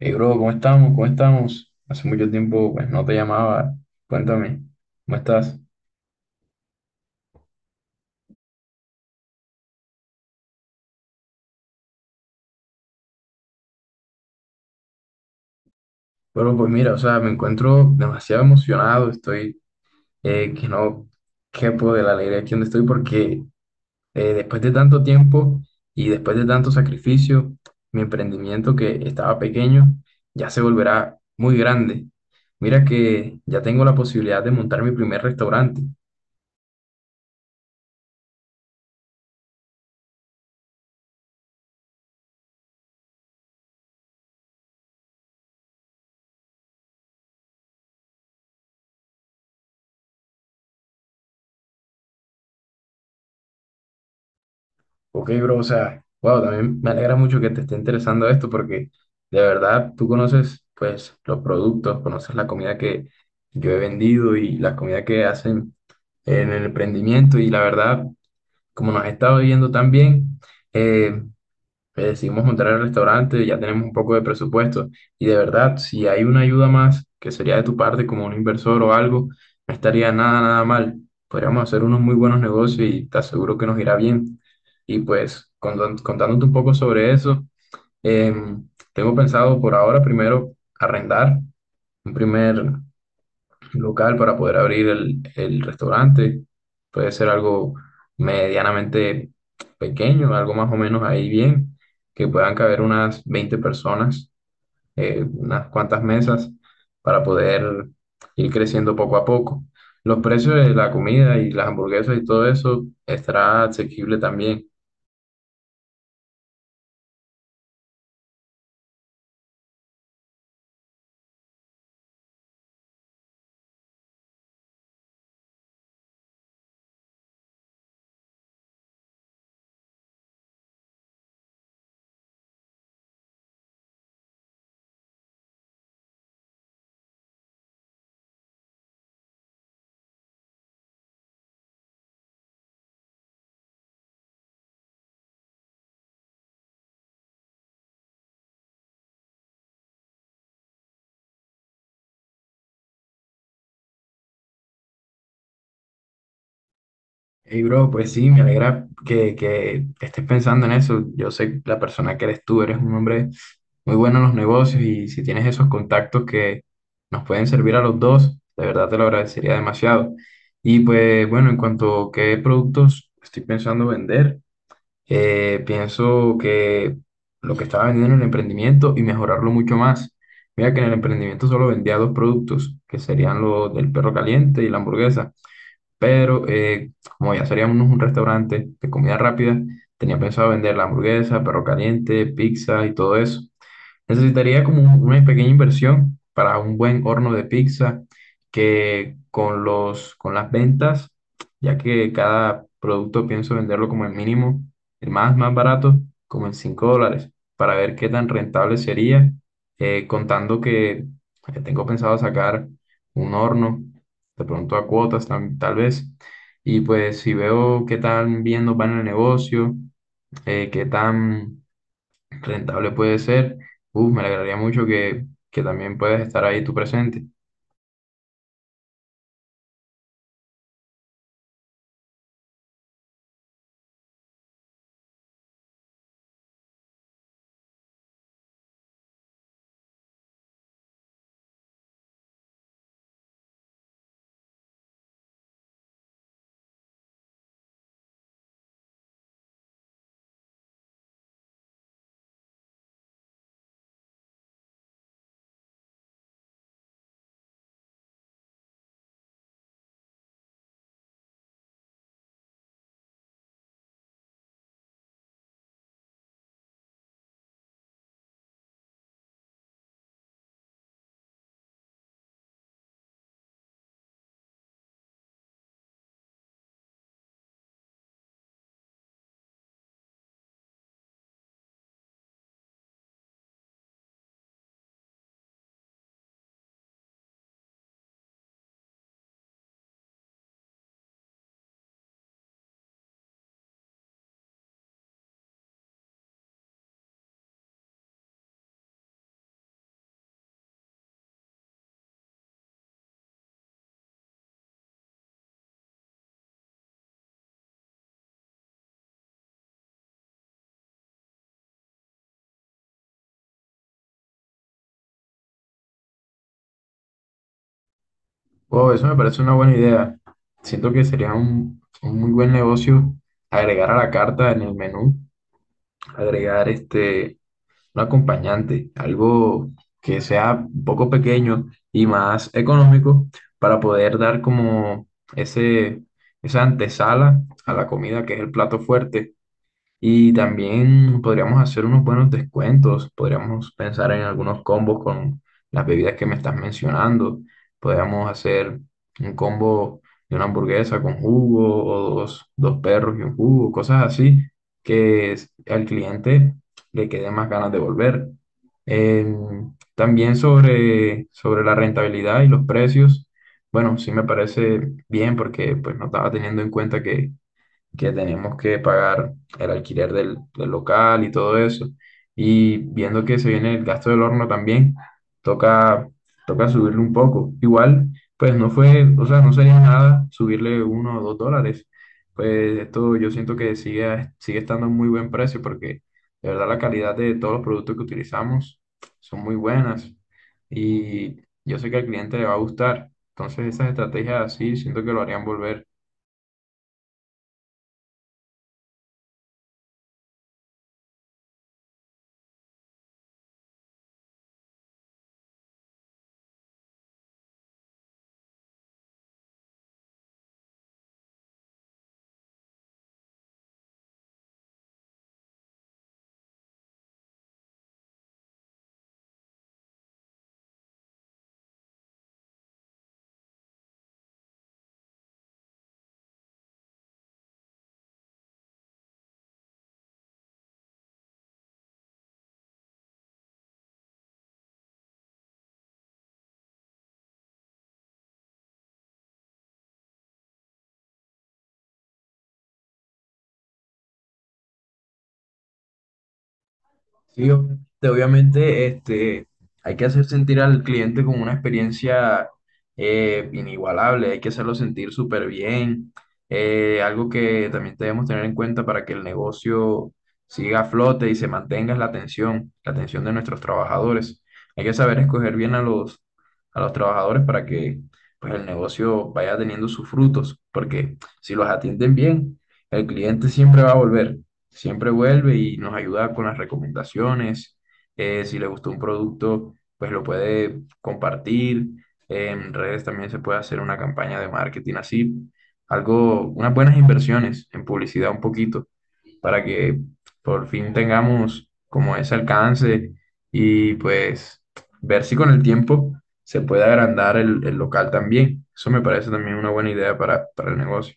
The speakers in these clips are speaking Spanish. Hey, bro, ¿cómo estamos? ¿Cómo estamos? Hace mucho tiempo, pues, no te llamaba. Cuéntame, ¿cómo estás? Bueno, pues mira, o sea, me encuentro demasiado emocionado. Estoy que no quepo de la alegría aquí donde estoy porque después de tanto tiempo y después de tanto sacrificio, mi emprendimiento que estaba pequeño ya se volverá muy grande. Mira que ya tengo la posibilidad de montar mi primer restaurante. Ok, bro, o sea, wow, también me alegra mucho que te esté interesando esto porque de verdad tú conoces pues los productos, conoces la comida que yo he vendido y la comida que hacen en el emprendimiento y la verdad, como nos has estado viendo tan bien, eh, decidimos montar el restaurante, ya tenemos un poco de presupuesto y de verdad, si hay una ayuda más que sería de tu parte como un inversor o algo, no estaría nada, nada mal. Podríamos hacer unos muy buenos negocios y te aseguro que nos irá bien. Y pues contándote un poco sobre eso, tengo pensado por ahora primero arrendar un primer local para poder abrir el restaurante. Puede ser algo medianamente pequeño, algo más o menos ahí bien, que puedan caber unas 20 personas, unas cuantas mesas para poder ir creciendo poco a poco. Los precios de la comida y las hamburguesas y todo eso estará asequible también. Hey, bro, pues sí, me alegra que estés pensando en eso. Yo sé la persona que eres tú, eres un hombre muy bueno en los negocios y si tienes esos contactos que nos pueden servir a los dos, de verdad te lo agradecería demasiado. Y pues bueno, en cuanto a qué productos estoy pensando vender, pienso que lo que estaba vendiendo en el emprendimiento y mejorarlo mucho más. Mira que en el emprendimiento solo vendía dos productos, que serían los del perro caliente y la hamburguesa, pero como ya seríamos un restaurante de comida rápida, tenía pensado vender la hamburguesa, perro caliente, pizza y todo eso. Necesitaría como una pequeña inversión para un buen horno de pizza que con las ventas, ya que cada producto pienso venderlo como el mínimo, el más barato, como en $5, para ver qué tan rentable sería, contando que tengo pensado sacar un horno de pronto a cuotas tal vez. Y pues si veo qué tan bien nos va en el negocio, qué tan rentable puede ser, uf, me alegraría mucho que también puedas estar ahí tú presente. Wow, eso me parece una buena idea. Siento que sería un muy buen negocio agregar a la carta en el menú, agregar este un acompañante, algo que sea un poco pequeño y más económico para poder dar como ese, esa antesala a la comida que es el plato fuerte, y también podríamos hacer unos buenos descuentos, podríamos pensar en algunos combos con las bebidas que me estás mencionando. Podríamos hacer un combo de una hamburguesa con jugo o dos perros y un jugo, cosas así, al cliente le quede más ganas de volver. También sobre la rentabilidad y los precios, bueno, sí me parece bien porque pues no estaba teniendo en cuenta que tenemos que pagar el alquiler del local y todo eso. Y viendo que se viene el gasto del horno también, toca, toca subirle un poco. Igual, pues no fue, o sea, no sería nada subirle $1 o $2. Pues esto yo siento que sigue estando a muy buen precio porque de verdad la calidad de todos los productos que utilizamos son muy buenas y yo sé que al cliente le va a gustar. Entonces esas estrategias así siento que lo harían volver. Sí, obviamente este, hay que hacer sentir al cliente como una experiencia inigualable, hay que hacerlo sentir súper bien. Algo que también debemos tener en cuenta para que el negocio siga a flote y se mantenga es la atención de nuestros trabajadores. Hay que saber escoger bien a a los trabajadores para que, pues, el negocio vaya teniendo sus frutos, porque si los atienden bien, el cliente siempre va a volver. Siempre vuelve y nos ayuda con las recomendaciones. Si le gustó un producto, pues lo puede compartir. En redes también se puede hacer una campaña de marketing así. Algo, unas buenas inversiones en publicidad un poquito para que por fin tengamos como ese alcance y pues ver si con el tiempo se puede agrandar el local también. Eso me parece también una buena idea para el negocio.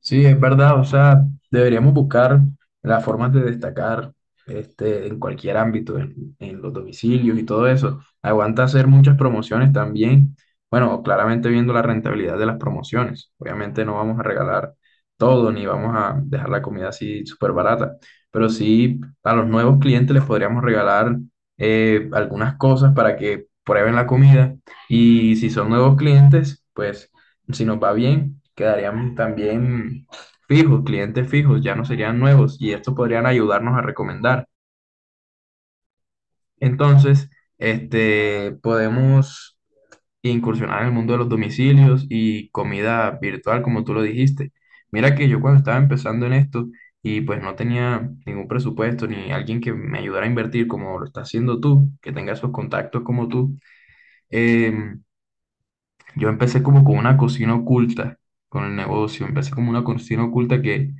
Sí, es verdad, o sea, deberíamos buscar las formas de destacar este, en cualquier ámbito, en los domicilios y todo eso. Aguanta hacer muchas promociones también. Bueno, claramente viendo la rentabilidad de las promociones. Obviamente no vamos a regalar todo ni vamos a dejar la comida así súper barata, pero sí a los nuevos clientes les podríamos regalar algunas cosas para que prueben la comida, y si son nuevos clientes, pues si nos va bien, quedarían también fijos, clientes fijos, ya no serían nuevos y estos podrían ayudarnos a recomendar. Entonces, este, podemos incursionar en el mundo de los domicilios y comida virtual, como tú lo dijiste. Mira que yo cuando estaba empezando en esto y pues no tenía ningún presupuesto ni alguien que me ayudara a invertir como lo estás haciendo tú, que tenga esos contactos como tú, em, yo empecé como con una cocina oculta con el negocio. Empecé como una cocina oculta que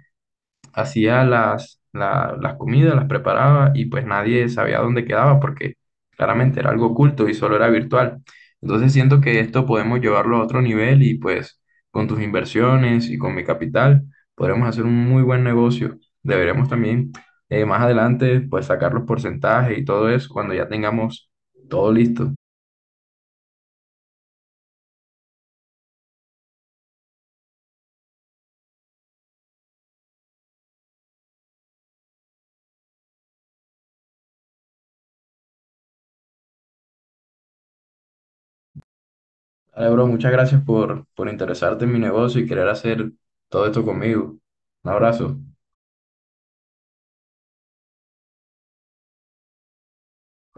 hacía las comidas, las preparaba y pues nadie sabía dónde quedaba porque claramente era algo oculto y solo era virtual. Entonces siento que esto podemos llevarlo a otro nivel y pues con tus inversiones y con mi capital podremos hacer un muy buen negocio. Deberemos también, más adelante, pues sacar los porcentajes y todo eso cuando ya tengamos todo listo. Vale, bro, muchas gracias por interesarte en mi negocio y querer hacer todo esto conmigo. Un abrazo.